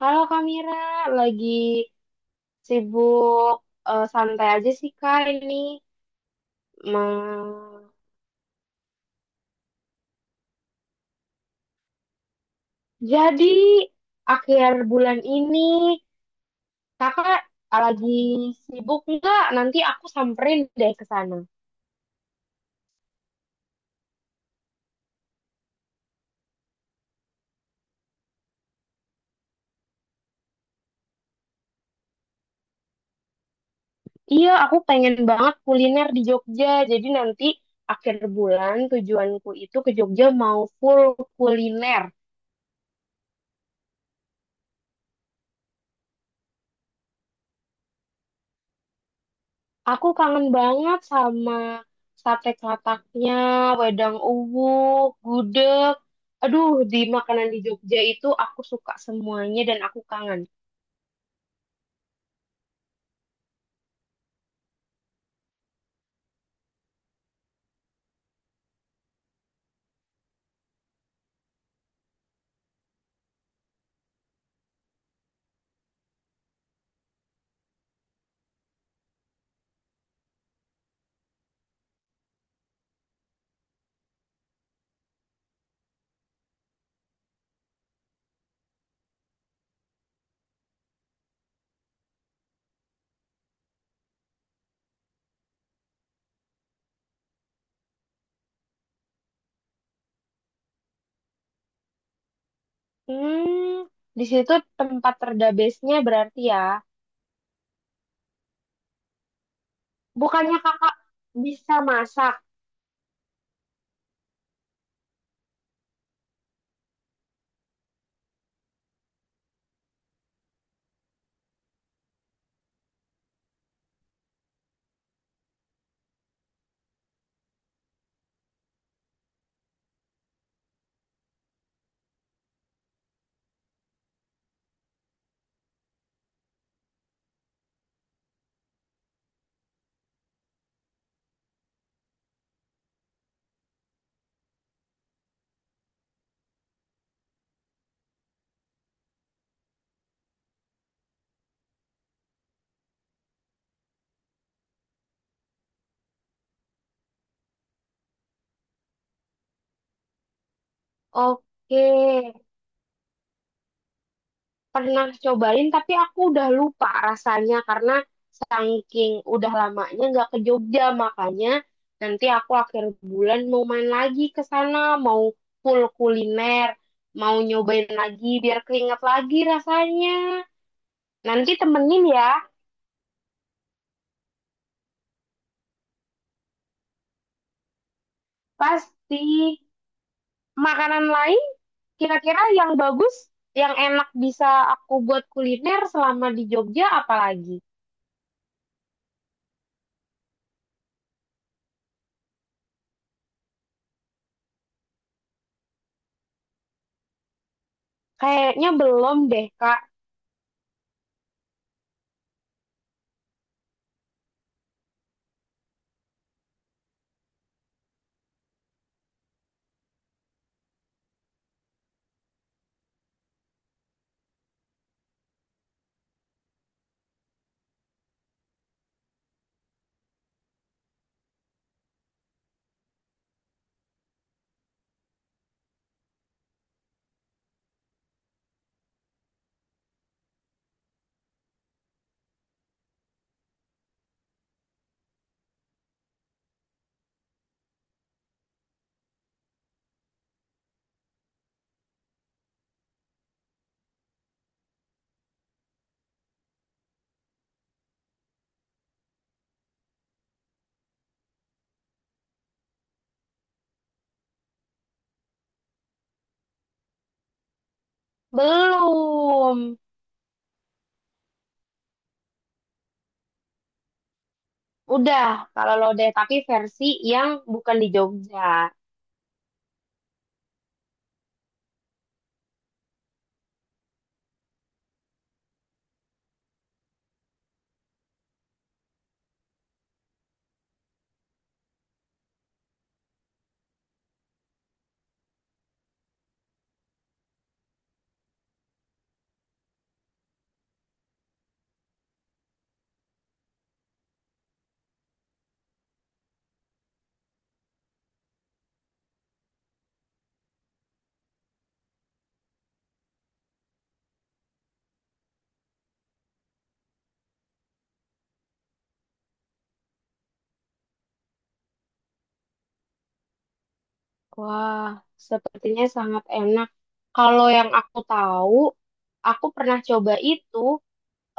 Halo Kak Mira, lagi sibuk santai aja sih Kak ini. Ma- Jadi akhir bulan ini Kakak lagi sibuk nggak? Nanti aku samperin deh ke sana. Iya, aku pengen banget kuliner di Jogja. Jadi nanti akhir bulan tujuanku itu ke Jogja mau full kuliner. Aku kangen banget sama sate klataknya, wedang uwu, gudeg. Aduh, di makanan di Jogja itu aku suka semuanya dan aku kangen. Hmm, di situ tempat terdabesnya berarti ya. Bukannya kakak bisa masak? Oke. Pernah cobain tapi aku udah lupa rasanya karena saking udah lamanya nggak ke Jogja, makanya nanti aku akhir bulan mau main lagi ke sana, mau full kuliner, mau nyobain lagi biar keinget lagi rasanya. Nanti temenin ya, pasti. Makanan lain kira-kira yang bagus, yang enak bisa aku buat kuliner selama di Jogja apalagi? Kayaknya belum deh Kak. Belum. Udah, kalau lodeh, tapi versi yang bukan di Jogja. Wah, sepertinya sangat enak. Kalau yang aku tahu, aku pernah coba itu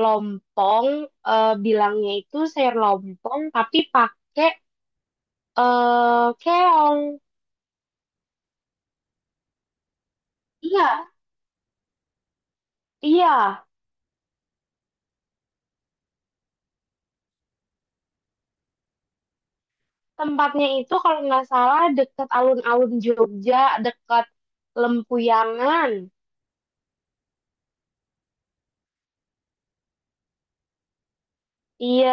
lompong, eh, bilangnya itu sayur lompong, tapi pakai keong. Iya, iya. Tempatnya itu kalau nggak salah dekat alun-alun Jogja, dekat Lempuyangan. Iya,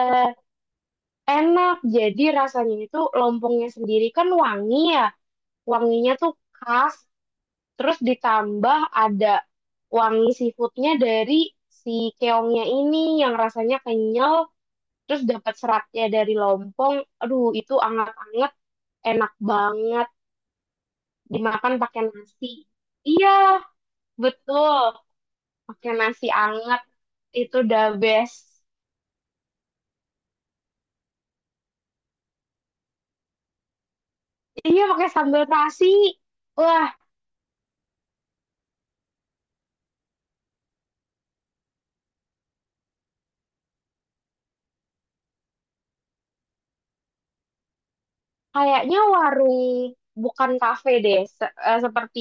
enak. Jadi rasanya itu lompongnya sendiri kan wangi ya. Wanginya tuh khas, terus ditambah ada wangi seafoodnya dari si keongnya ini yang rasanya kenyal, terus dapat seratnya dari lompong, aduh itu anget-anget, enak banget dimakan pakai nasi, iya betul, pakai nasi anget itu the best. Iya pakai sambal nasi, wah. Kayaknya warung bukan kafe deh, seperti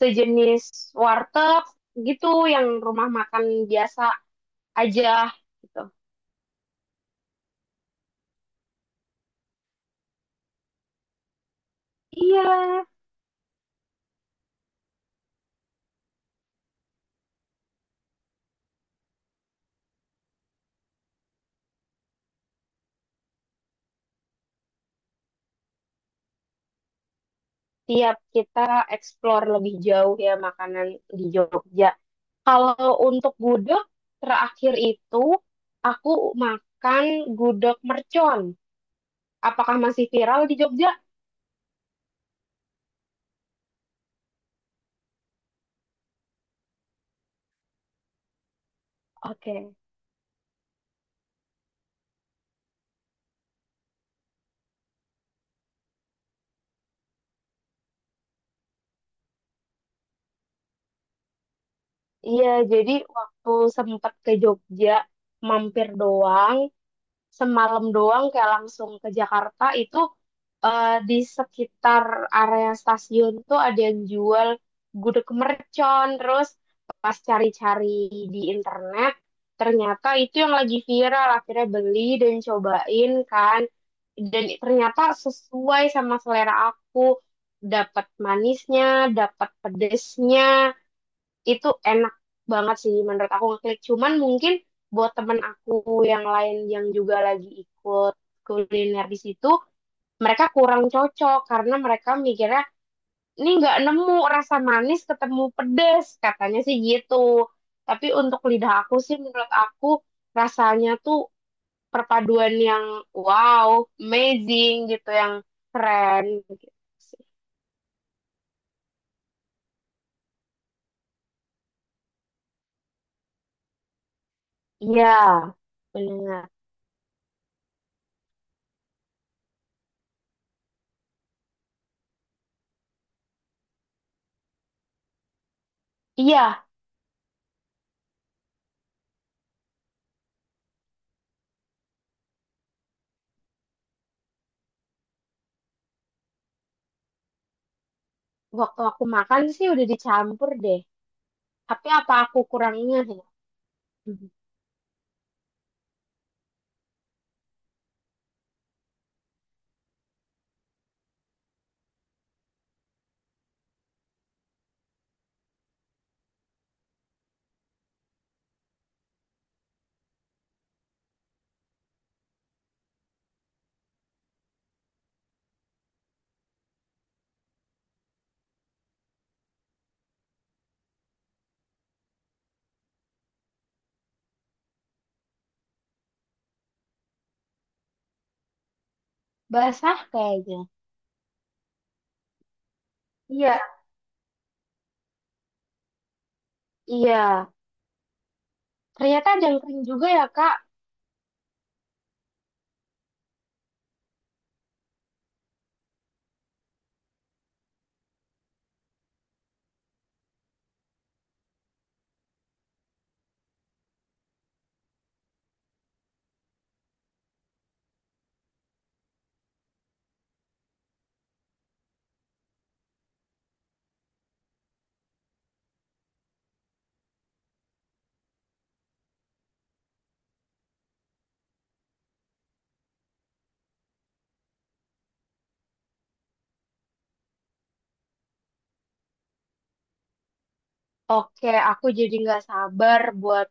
sejenis warteg gitu, yang rumah makan biasa aja gitu. Iya, tiap kita explore lebih jauh ya makanan di Jogja. Kalau untuk gudeg terakhir itu aku makan gudeg mercon. Apakah masih viral di Jogja? Oke. Iya, jadi waktu sempat ke Jogja mampir doang, semalam doang kayak langsung ke Jakarta itu, di sekitar area stasiun tuh ada yang jual gudeg mercon, terus pas cari-cari di internet ternyata itu yang lagi viral, akhirnya beli dan cobain kan, dan ternyata sesuai sama selera aku, dapat manisnya dapat pedesnya, itu enak banget sih menurut aku, ngeklik. Cuman mungkin buat temen aku yang lain yang juga lagi ikut kuliner di situ, mereka kurang cocok karena mereka mikirnya ini nggak nemu rasa manis ketemu pedes, katanya sih gitu. Tapi untuk lidah aku sih, menurut aku rasanya tuh perpaduan yang wow, amazing gitu, yang keren gitu sih. Iya, benar. Iya, waktu aku makan sih udah dicampur deh. Tapi apa aku kurang ingat ya? Mhm. Basah kayaknya. Iya, iya. Ternyata ada yang kering juga ya, Kak. Oke, aku jadi nggak sabar buat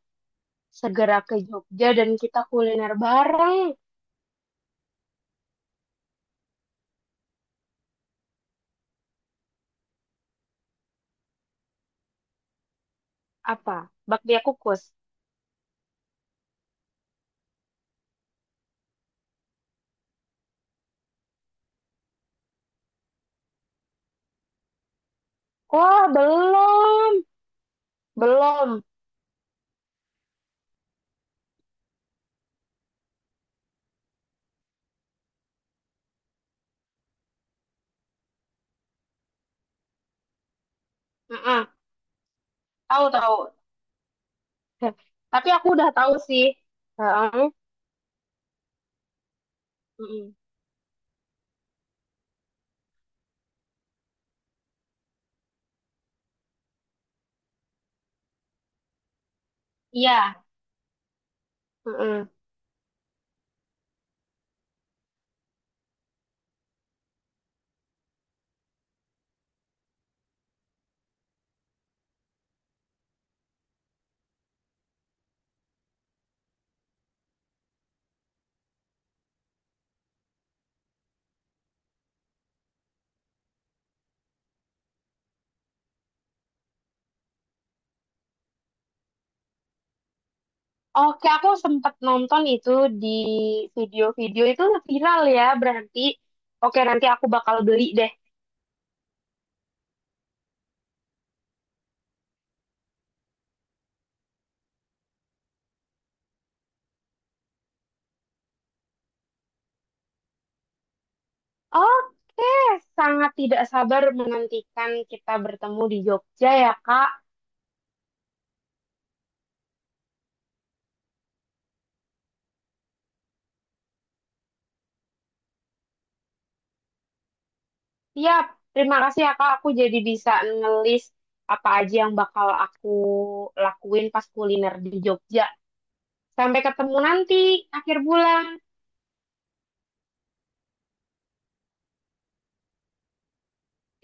segera ke Jogja dan kita kuliner bareng. Apa? Bakpia kukus. Wah, belum. Belum. Mm-mm. Tahu, tahu. Tapi aku udah tahu sih. Heeh. Mm-mm. Iya. Mm-mm. Oke, aku sempat nonton itu di video-video itu, viral ya, berarti. Oke, nanti aku bakal beli deh. Oke, sangat tidak sabar menantikan kita bertemu di Jogja ya, Kak. Siap, terima kasih ya, Kak. Aku jadi bisa ngelis apa aja yang bakal aku lakuin pas kuliner di Jogja. Sampai ketemu nanti, akhir bulan.